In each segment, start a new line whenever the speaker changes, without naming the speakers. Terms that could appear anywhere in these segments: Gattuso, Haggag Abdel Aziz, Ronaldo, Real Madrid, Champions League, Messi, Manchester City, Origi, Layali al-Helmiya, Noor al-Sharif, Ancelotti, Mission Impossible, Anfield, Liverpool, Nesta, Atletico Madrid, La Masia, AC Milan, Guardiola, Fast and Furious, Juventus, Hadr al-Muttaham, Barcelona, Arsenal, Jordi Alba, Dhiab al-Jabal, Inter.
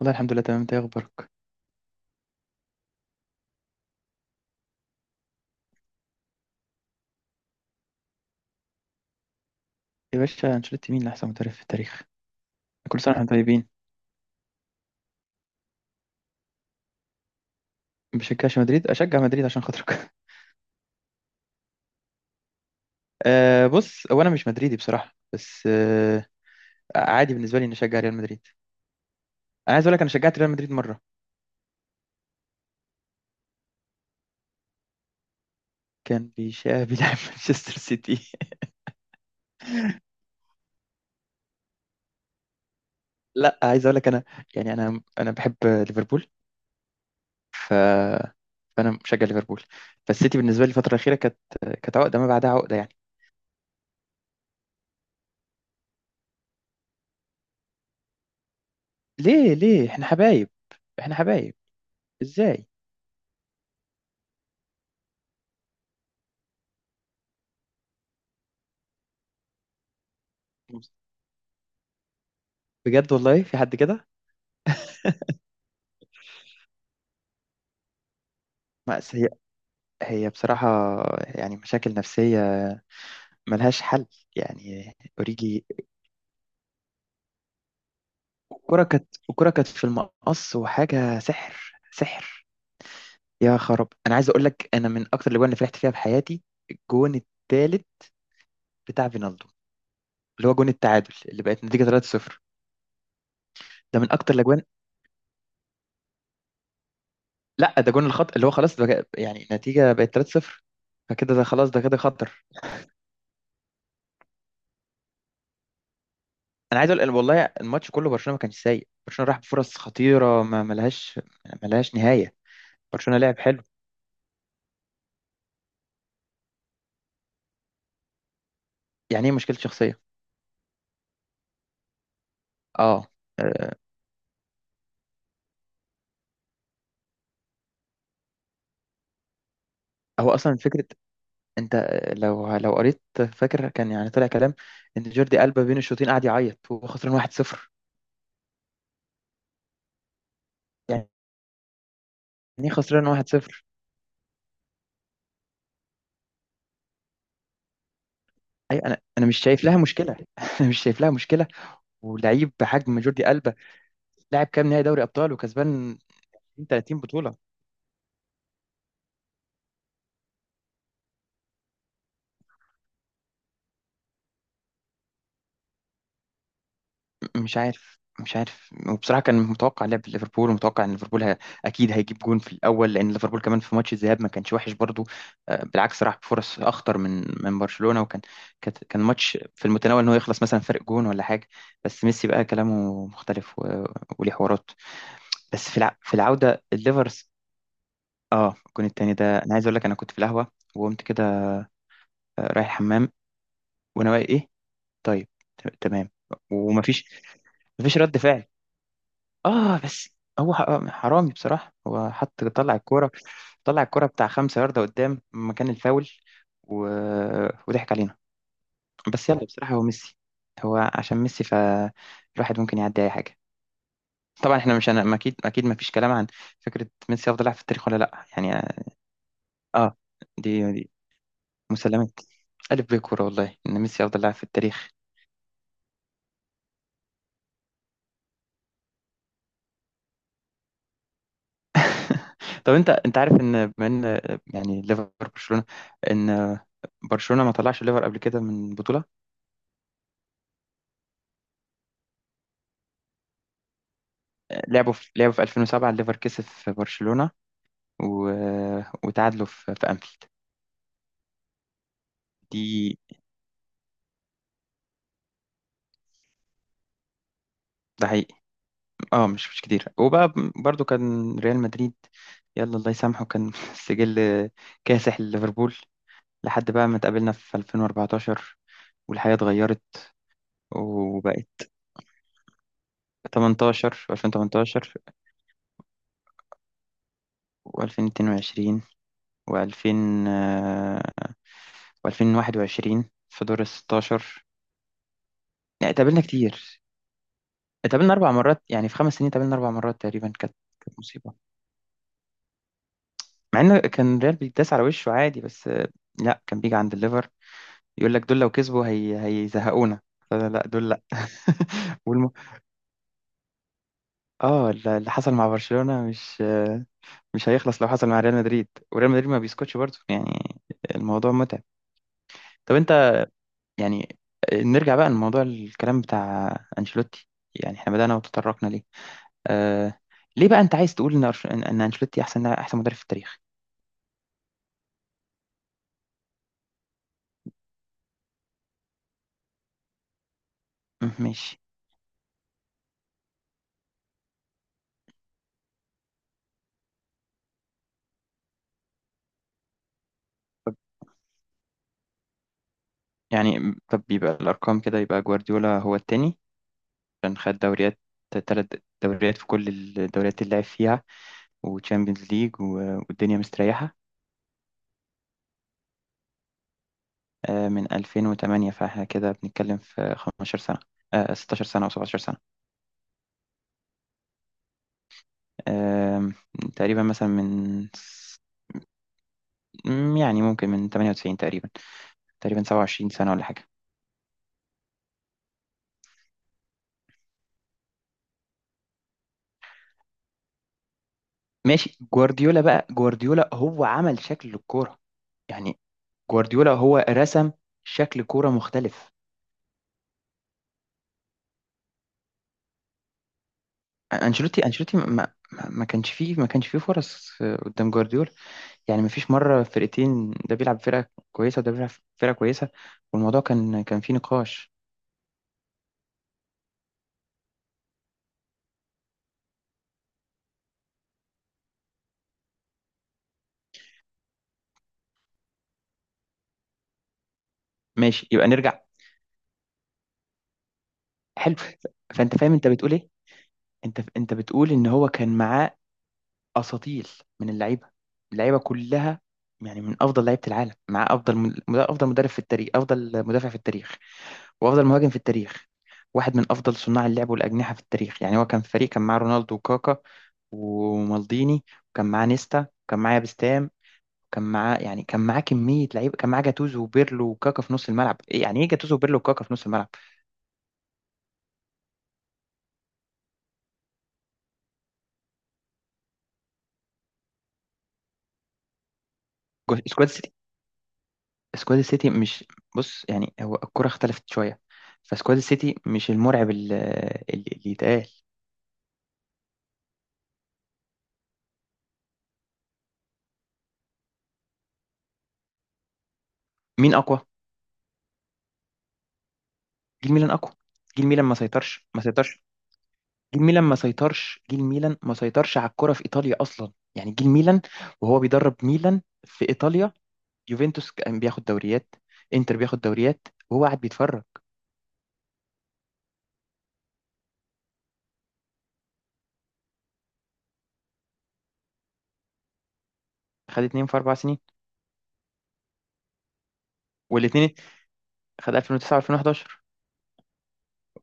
والله الحمد لله، تمام. انت ايه اخبارك؟ يا باشا، انشيلوتي مين اللي احسن مدرب في التاريخ؟ كل سنه واحنا طيبين. ما بشجعش مدريد، اشجع مدريد عشان خاطرك. بص، هو انا مش مدريدي بصراحه، بس عادي بالنسبه لي اني اشجع ريال مدريد. انا عايز اقول لك، انا شجعت ريال مدريد مره. كان بيشا بيلعب مانشستر سيتي لا، عايز اقول لك انا، يعني انا بحب ليفربول، ف فانا مشجع ليفربول. فالسيتي بالنسبه لي الفتره الاخيره كانت عقده ما بعدها عقده، يعني. ليه احنا حبايب؟ احنا حبايب، ازاي؟ بجد والله في حد كده؟ بس هي هي بصراحة، يعني مشاكل نفسية ملهاش حل، يعني. أوريجي. الكرة كانت في المقص وحاجة، سحر سحر. يا خراب، أنا عايز أقول لك، أنا من أكتر الأجوان اللي فرحت فيها بحياتي، الجون التالت بتاع فينالدو، اللي هو جون التعادل اللي بقت نتيجة 3-0. ده من أكتر الأجوان. لا، ده جون الخط، اللي هو خلاص بقى، يعني النتيجة بقت 3-0، فكده ده خلاص، ده كده خطر. انا عايز اقول، والله الماتش كله برشلونه ما كانش سيء، برشلونه راح بفرص خطيره ما ملهاش نهايه. برشلونة لعب حلو. يعني ايه مشكلة شخصية؟ اه، آه، هو اصلا فكرة، انت لو قريت، فاكر كان يعني طلع كلام ان جوردي ألبا بين الشوطين قعد يعيط وهو خسران 1-0. يعني ايه خسران 1-0؟ اي انا مش شايف لها مشكلة. انا مش شايف لها مشكلة، ولعيب بحجم جوردي ألبا، لاعب كام نهائي دوري ابطال وكسبان 30 بطولة. مش عارف، مش عارف، وبصراحه كان متوقع لعب ليفربول، ومتوقع ان ليفربول اكيد هيجيب جون في الاول، لان ليفربول كمان في ماتش الذهاب ما كانش وحش برضو. بالعكس، راح بفرص اخطر من برشلونه، وكان كان ماتش في المتناول ان هو يخلص مثلا فرق جون ولا حاجه. بس ميسي بقى كلامه مختلف، وليه حوارات. بس في العوده الليفرز. اه، الجون التاني ده، انا عايز اقول لك، انا كنت في القهوه وقمت كده رايح الحمام، وانا واقي ايه. طيب، تمام. ومفيش مفيش رد فعل. اه بس هو حرامي بصراحة، هو طلع الكورة، طلع الكورة بتاع 5 ياردة قدام مكان الفاول، و... وضحك علينا. بس يلا، بصراحة هو ميسي، هو عشان ميسي فالواحد ممكن يعدي أي حاجة. طبعا احنا مش، أنا أكيد أكيد ما فيش كلام عن فكرة ميسي أفضل لاعب في التاريخ ولا لأ، يعني. اه، دي مسلمات. ألف بيه كورة، والله إن ميسي أفضل لاعب في التاريخ. طب، أنت عارف إن، بما إن، يعني ليفر برشلونة، إن برشلونة ما طلعش ليفر قبل كده من بطولة. لعبوا في 2007 الليفر كسب في برشلونة، و... وتعادلوا في أنفيلد. دي، ده حقيقي. اه، مش كتير. وبقى برضو كان ريال مدريد، يلا الله يسامحه، كان سجل كاسح لليفربول، لحد بقى ما اتقابلنا في 2014 والحياة اتغيرت. وبقت 18 و2018 و2022 و2000 و2021 في دور ال 16. يعني اتقابلنا كتير، اتقابلنا 4 مرات، يعني في 5 سنين اتقابلنا 4 مرات تقريبا. كانت مصيبه، مع ان كان ريال بيتداس على وشه عادي، بس لا، كان بيجي عند الليفر يقول لك دول لو كسبوا هي هيزهقونا. لا لا دول لا. والم... اه، اللي حصل مع برشلونه مش مش هيخلص لو حصل مع ريال مدريد، وريال مدريد ما بيسكتش برضه، يعني الموضوع متعب. طب انت، يعني نرجع بقى لموضوع الكلام بتاع انشيلوتي، يعني احنا بدأنا وتطرقنا ليه. آه... ليه بقى انت عايز تقول ان إن انشيلوتي احسن مدرب في التاريخ؟ ماشي. يعني طب، يبقى الأرقام كده يبقى جوارديولا هو التاني، عشان خد دوريات تلات، دوريات في كل الدوريات اللي لعب فيها، وتشامبيونز ليج والدنيا مستريحة. من 2008، فاحنا كده بنتكلم في 15 سنة، 16 سنة أو 17 سنة. آم، تقريبا مثلا يعني ممكن من 98 تقريبا، 27 سنة ولا حاجة. ماشي، جوارديولا بقى، جوارديولا هو عمل شكل الكورة، يعني جوارديولا هو رسم شكل كورة مختلف. انشيلوتي ما كانش فيه فرص، قدام جوارديولا. يعني ما فيش مره فرقتين، ده بيلعب فرقه كويسه وده بيلعب فرقه كويسه، والموضوع كان فيه نقاش. ماشي، يبقى نرجع. حلو، فانت فاهم انت بتقول ايه. انت بتقول ان هو كان معاه اساطيل من اللعيبه، اللعيبه كلها. يعني من افضل لعيبه العالم، معاه افضل افضل مدرب في التاريخ، افضل مدافع في التاريخ، وافضل مهاجم في التاريخ، واحد من افضل صناع اللعب والاجنحه في التاريخ، يعني هو كان فريق. كان معاه رونالدو وكاكا ومالديني، وكان معاه نيستا، وكان معاه بستام، وكان معاه، يعني كان معاه كميه لعيبه، كان معاه جاتوزو وبيرلو وكاكا في نص الملعب. إيه يعني ايه جاتوزو وبيرلو وكاكا في نص الملعب؟ سكواد السيتي، سكواد السيتي مش، بص يعني هو الكره اختلفت شويه، فسكواد السيتي مش المرعب اللي يتقال. مين اقوى؟ جيل ميلان اقوى. جيل ميلان ما سيطرش، ما سيطرش. جيل ميلان ما سيطرش على الكرة في إيطاليا أصلا، يعني جيل ميلان وهو بيدرب ميلان في إيطاليا، يوفنتوس كان بياخد دوريات، إنتر بياخد دوريات وهو قاعد بيتفرج. خد اتنين في أربع سنين، والاتنين خد 2009 و2011،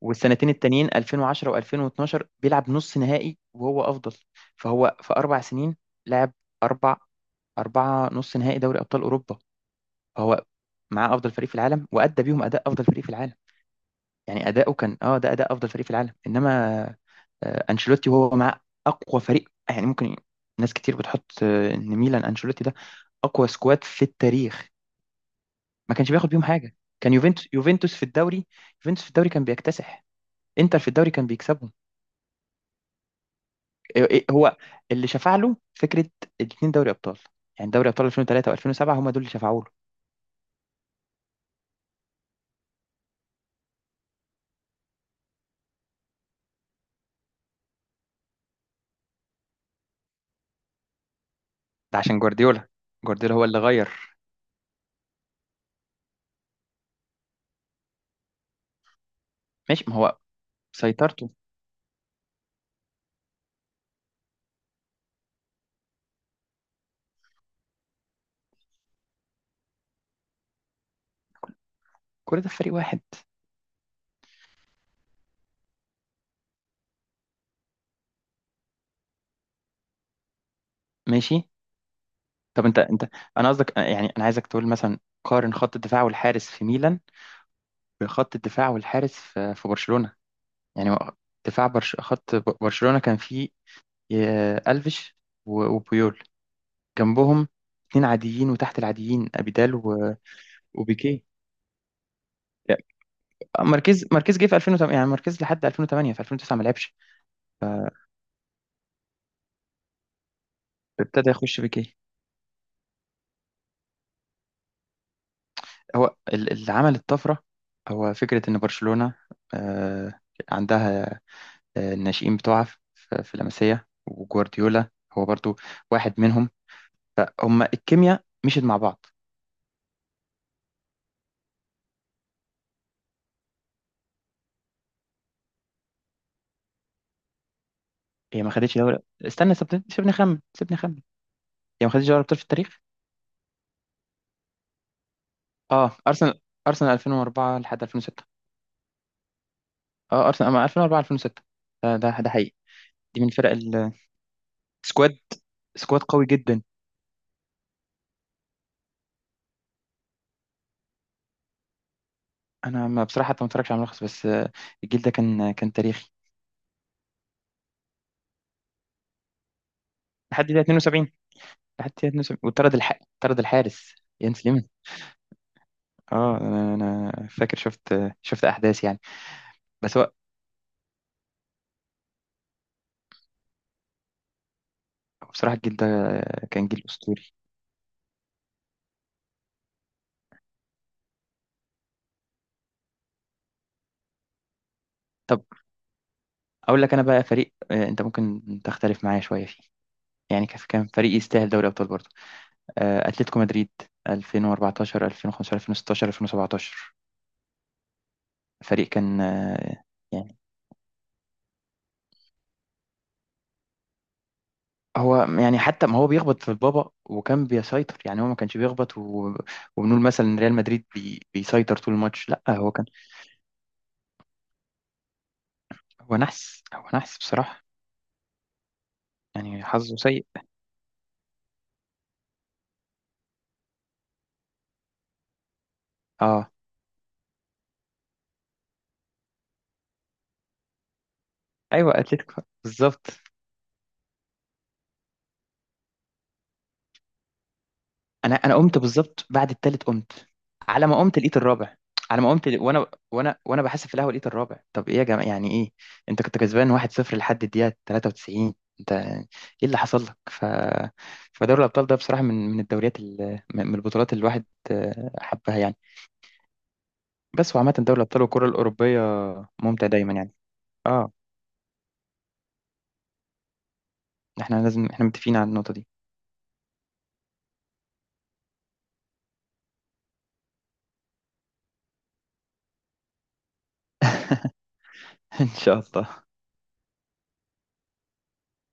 والسنتين التانيين 2010 و2012 بيلعب نص نهائي وهو أفضل. فهو في أربع سنين لعب أربع أربعة نص نهائي دوري أبطال أوروبا، فهو معاه أفضل فريق في العالم، وأدى بيهم أداء أفضل فريق في العالم. يعني أداؤه كان، اه، ده أداء أفضل فريق في العالم. إنما انشيلوتي وهو مع اقوى فريق، يعني ممكن، ناس كتير بتحط ان ميلان انشيلوتي ده اقوى سكواد في التاريخ، ما كانش بياخد بيهم حاجه. كان يوفنتوس في الدوري، يوفنتوس في الدوري كان بيكتسح، انتر في الدوري كان بيكسبهم. إيه، هو اللي شفع له فكره الاثنين دوري ابطال، يعني دوري ابطال 2003 و2007 هم دول اللي شفعوا له. ده عشان جوارديولا، جوارديولا هو اللي غير. ماشي، ما هو سيطرته، كل ده في فريق واحد. ماشي، طب انت، انا قصدك، يعني انا عايزك تقول مثلا قارن خط الدفاع والحارس في ميلان بخط الدفاع والحارس في برشلونة. يعني برشلونة كان فيه ألفيش وبيول، جنبهم اتنين عاديين وتحت العاديين، أبيدال و... وبيكيه. لا، ماركيز جه في 2008، يعني ماركيز لحد 2008، في 2009 ما لعبش، فابتدى يخش بيكيه. هو اللي عمل الطفرة هو فكرة إن برشلونة آه، عندها الناشئين بتوعها في لاماسيا، وجوارديولا هو برضو واحد منهم، فهم الكيمياء مشيت مع بعض. هي ما خدتش دوري. استنى، سيبني اخمن، هي ما خدتش دوري ابطال في التاريخ. اه، ارسنال 2004 لحد 2006. اه، ارسنال أما 2004، 2006، ده حقيقي، دي من فرق السكواد. سكواد سكواد قوي جدا. انا، ما بصراحه حتى ما اتفرجش على ملخص، بس الجيل ده كان تاريخي. لحد دقيقه 72، وطرد طرد الحارس ينس ليمن. اه، أنا فاكر، شفت احداث، يعني. بس هو بصراحه الجيل ده كان جيل اسطوري. طب، اقول لك انا بقى فريق، انت ممكن تختلف معايا شويه، يعني كان فريق يستاهل دوري ابطال برضه، اتلتيكو مدريد 2014، 2015، 2016، 2017. فريق كان يعني هو، يعني حتى ما هو بيخبط في البابا وكان بيسيطر، يعني هو ما كانش بيخبط، و... وبنقول مثلا ان ريال مدريد بيسيطر طول الماتش، لا هو كان، هو نحس، هو نحس بصراحة، يعني حظه سيء. اه، ايوه، اتلتيكو بالظبط. انا قمت بالظبط بعد التالت، قمت، على ما قمت لقيت الرابع. على ما قمت ل- وانا وانا وانا بحاسب في القهوه لقيت الرابع. طب ايه يا جماعه، يعني ايه؟ انت كنت كسبان 1-0 لحد الدقيقه 93! انت ايه اللي حصل لك؟ فدوري الابطال ده بصراحه، من الدوريات، من البطولات اللي الواحد حبها، يعني. بس وعامه، دوري الابطال والكره الاوروبيه ممتع دايما، يعني. اه، احنا لازم، احنا متفقين على النقطه دي. ان شاء الله.